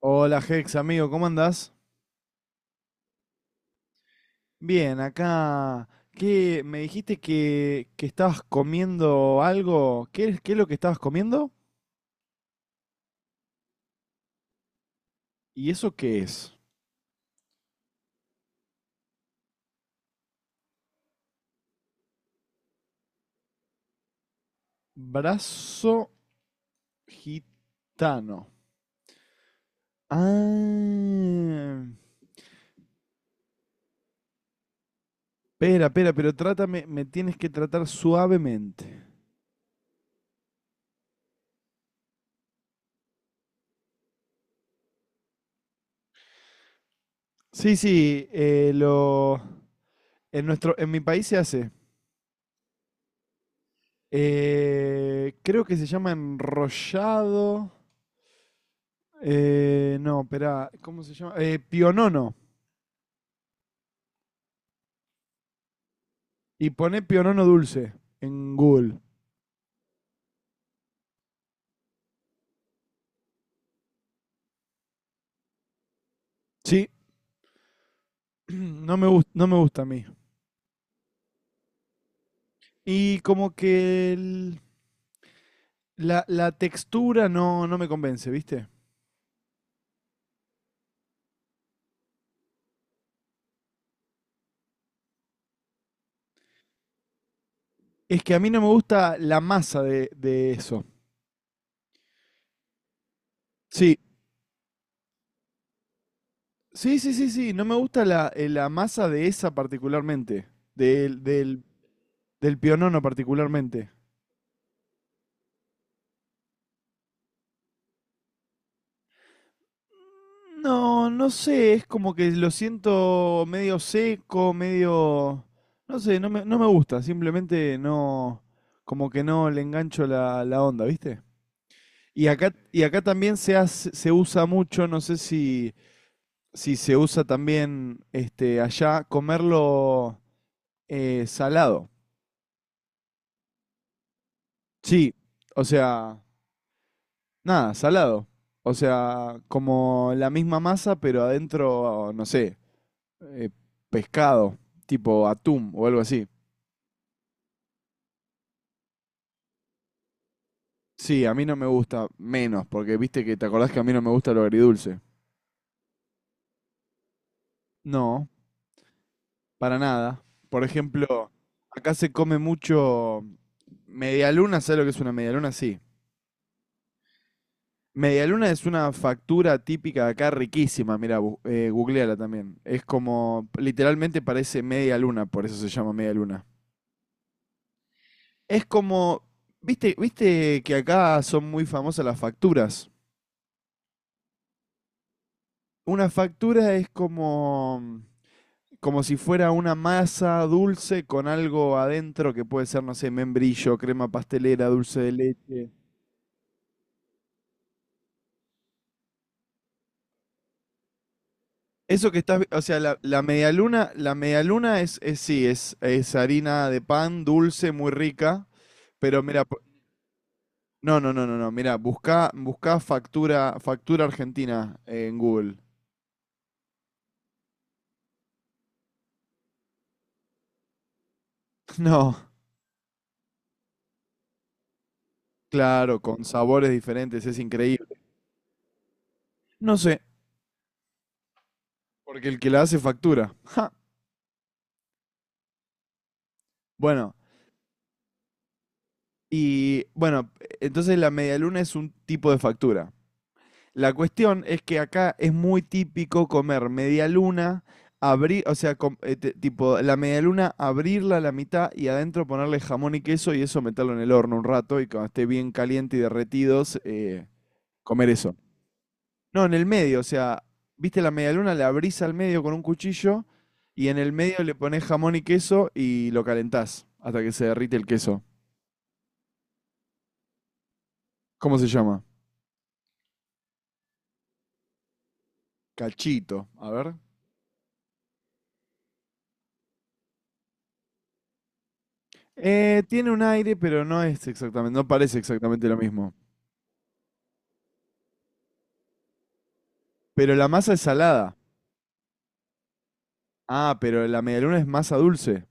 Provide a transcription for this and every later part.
Hola Hex, amigo, ¿cómo andás? Bien, acá. ¿Qué? Me dijiste que estabas comiendo algo. ¿Qué, qué es lo que estabas comiendo? ¿Y eso qué es? Brazo gitano. Ah. Espera, espera, pero trátame, me tienes que tratar suavemente. Sí, sí, lo. En mi país se hace. Creo que se llama enrollado. No, espera, ¿cómo se llama? Pionono. Y poné pionono dulce en Google. Sí, no me, gusta, no me gusta a mí. Y como que la, la textura no, no me convence, ¿viste? Es que a mí no me gusta la masa de eso. Sí, sí, sí, sí, sí. No me gusta la masa de esa particularmente. Del, del, Del pionono particularmente. No, no sé, es como que lo siento medio seco, medio. No sé, no me gusta, simplemente no, como que no le engancho la onda, ¿viste? Y acá también se usa mucho, no sé si, si se usa también este, allá, comerlo salado. Sí, o sea, nada, salado. O sea, como la misma masa, pero adentro, no sé, eh, pescado, tipo atún o algo así. Sí, a mí no me gusta menos, porque viste que te acordás que a mí no me gusta lo agridulce. No, para nada. Por ejemplo, acá se come mucho medialuna, ¿sabes lo que es una medialuna? Sí. Medialuna es una factura típica de acá riquísima, mira, googleala también. Es como, literalmente parece media luna, por eso se llama media luna. Es como, viste, viste que acá son muy famosas las facturas. Una factura es como, como si fuera una masa dulce con algo adentro que puede ser, no sé, membrillo, crema pastelera, dulce de leche. Eso que estás, o sea, la medialuna es sí, es harina de pan dulce, muy rica, pero mira, no, no, no, no, no, mira, busca, busca factura, factura argentina en Google. No, claro, con sabores diferentes, es increíble. No sé, porque el que la hace factura. Ja. Bueno, y bueno, entonces la medialuna es un tipo de factura. La cuestión es que acá es muy típico comer medialuna, abrir, o sea, tipo la medialuna abrirla a la mitad y adentro ponerle jamón y queso y eso meterlo en el horno un rato y cuando esté bien caliente y derretidos, comer eso. No, en el medio, o sea, viste la medialuna, la abrís al medio con un cuchillo y en el medio le pones jamón y queso y lo calentás hasta que se derrite el queso. ¿Cómo se llama? Cachito, a ver. Tiene un aire, pero no es exactamente, no parece exactamente lo mismo. Pero la masa es salada. Ah, pero la medialuna es masa dulce.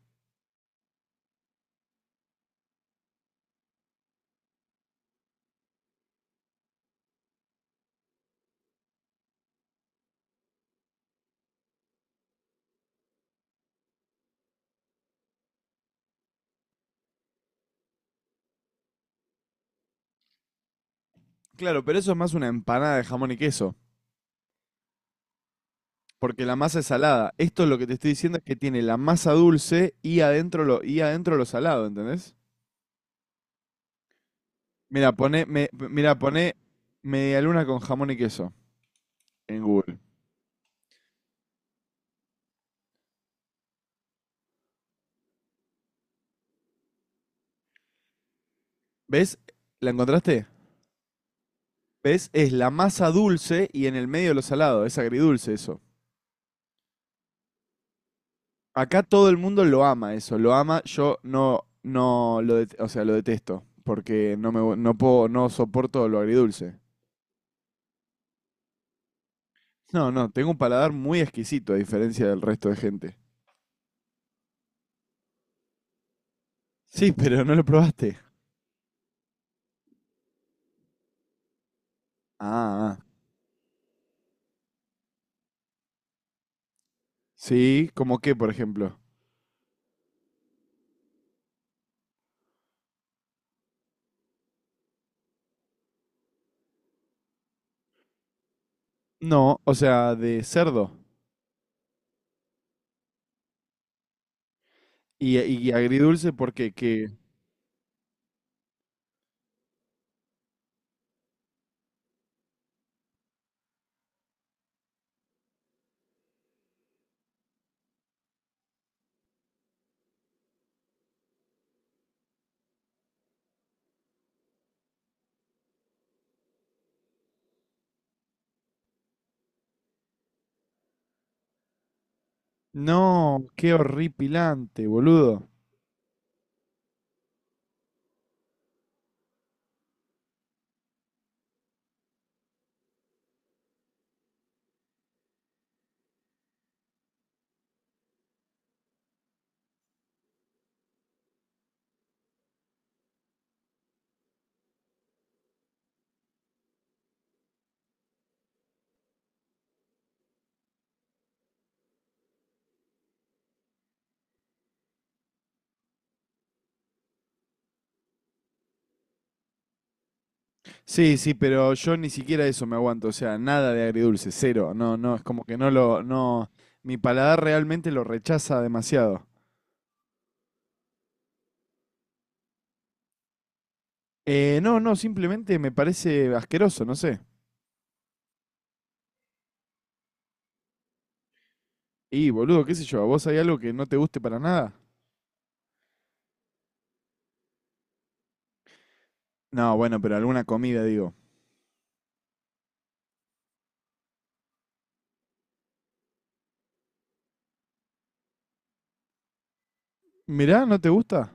Claro, pero eso es más una empanada de jamón y queso, porque la masa es salada. Esto lo que te estoy diciendo es que tiene la masa dulce y adentro lo salado, ¿entendés? Mira, pone, me, mira, pone medialuna con jamón y queso en Google. ¿Ves? ¿La encontraste? ¿Ves? Es la masa dulce y en el medio lo salado. Es agridulce eso. Acá todo el mundo lo ama eso, lo ama, yo no, no lo, o sea, lo detesto, porque no me, no puedo, no soporto lo agridulce. No, no, tengo un paladar muy exquisito a diferencia del resto de gente. Sí, pero no lo probaste. Ah, ah. Sí, ¿como qué, por ejemplo? No, o sea, de cerdo. Y agridulce porque que. No, qué horripilante, boludo. Sí, sí, pero yo ni siquiera eso me aguanto, o sea, nada de agridulce, cero, no, no, es como que no lo, no, mi paladar realmente lo rechaza demasiado. No, no, simplemente me parece asqueroso, no sé. Y boludo, qué sé yo, ¿a vos hay algo que no te guste para nada? No, bueno, pero alguna comida, digo. Mirá, ¿no te gusta?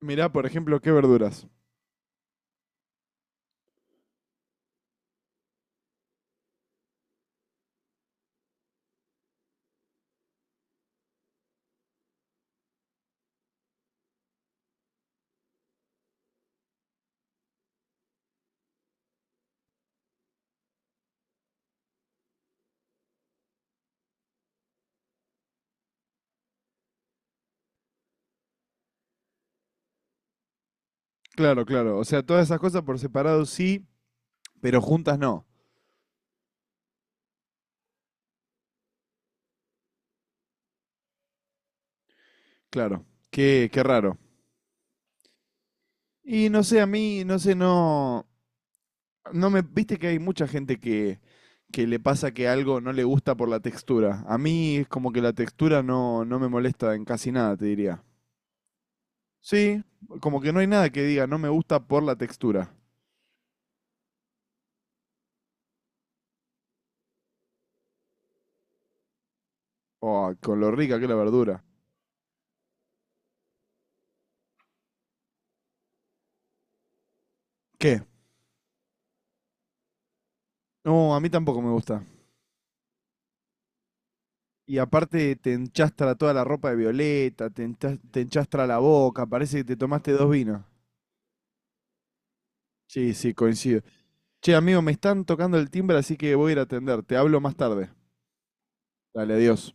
Mirá, por ejemplo, qué verduras. Claro, claro, o sea, todas esas cosas por separado sí, pero juntas no. Claro, qué, qué raro. Y no sé, a mí, no sé, no, no me, viste que hay mucha gente que le pasa que algo no le gusta por la textura. A mí es como que la textura no, no me molesta en casi nada, te diría. Sí, como que no hay nada que diga no me gusta por la textura. Oh, con lo rica que es la verdura. ¿Qué? No, a mí tampoco me gusta. Y aparte te enchastra toda la ropa de violeta, te enchastra la boca, parece que te tomaste dos vinos. Sí, sí, coincido. Che, amigo, me están tocando el timbre, así que voy a ir a atender. Te hablo más tarde. Dale, adiós.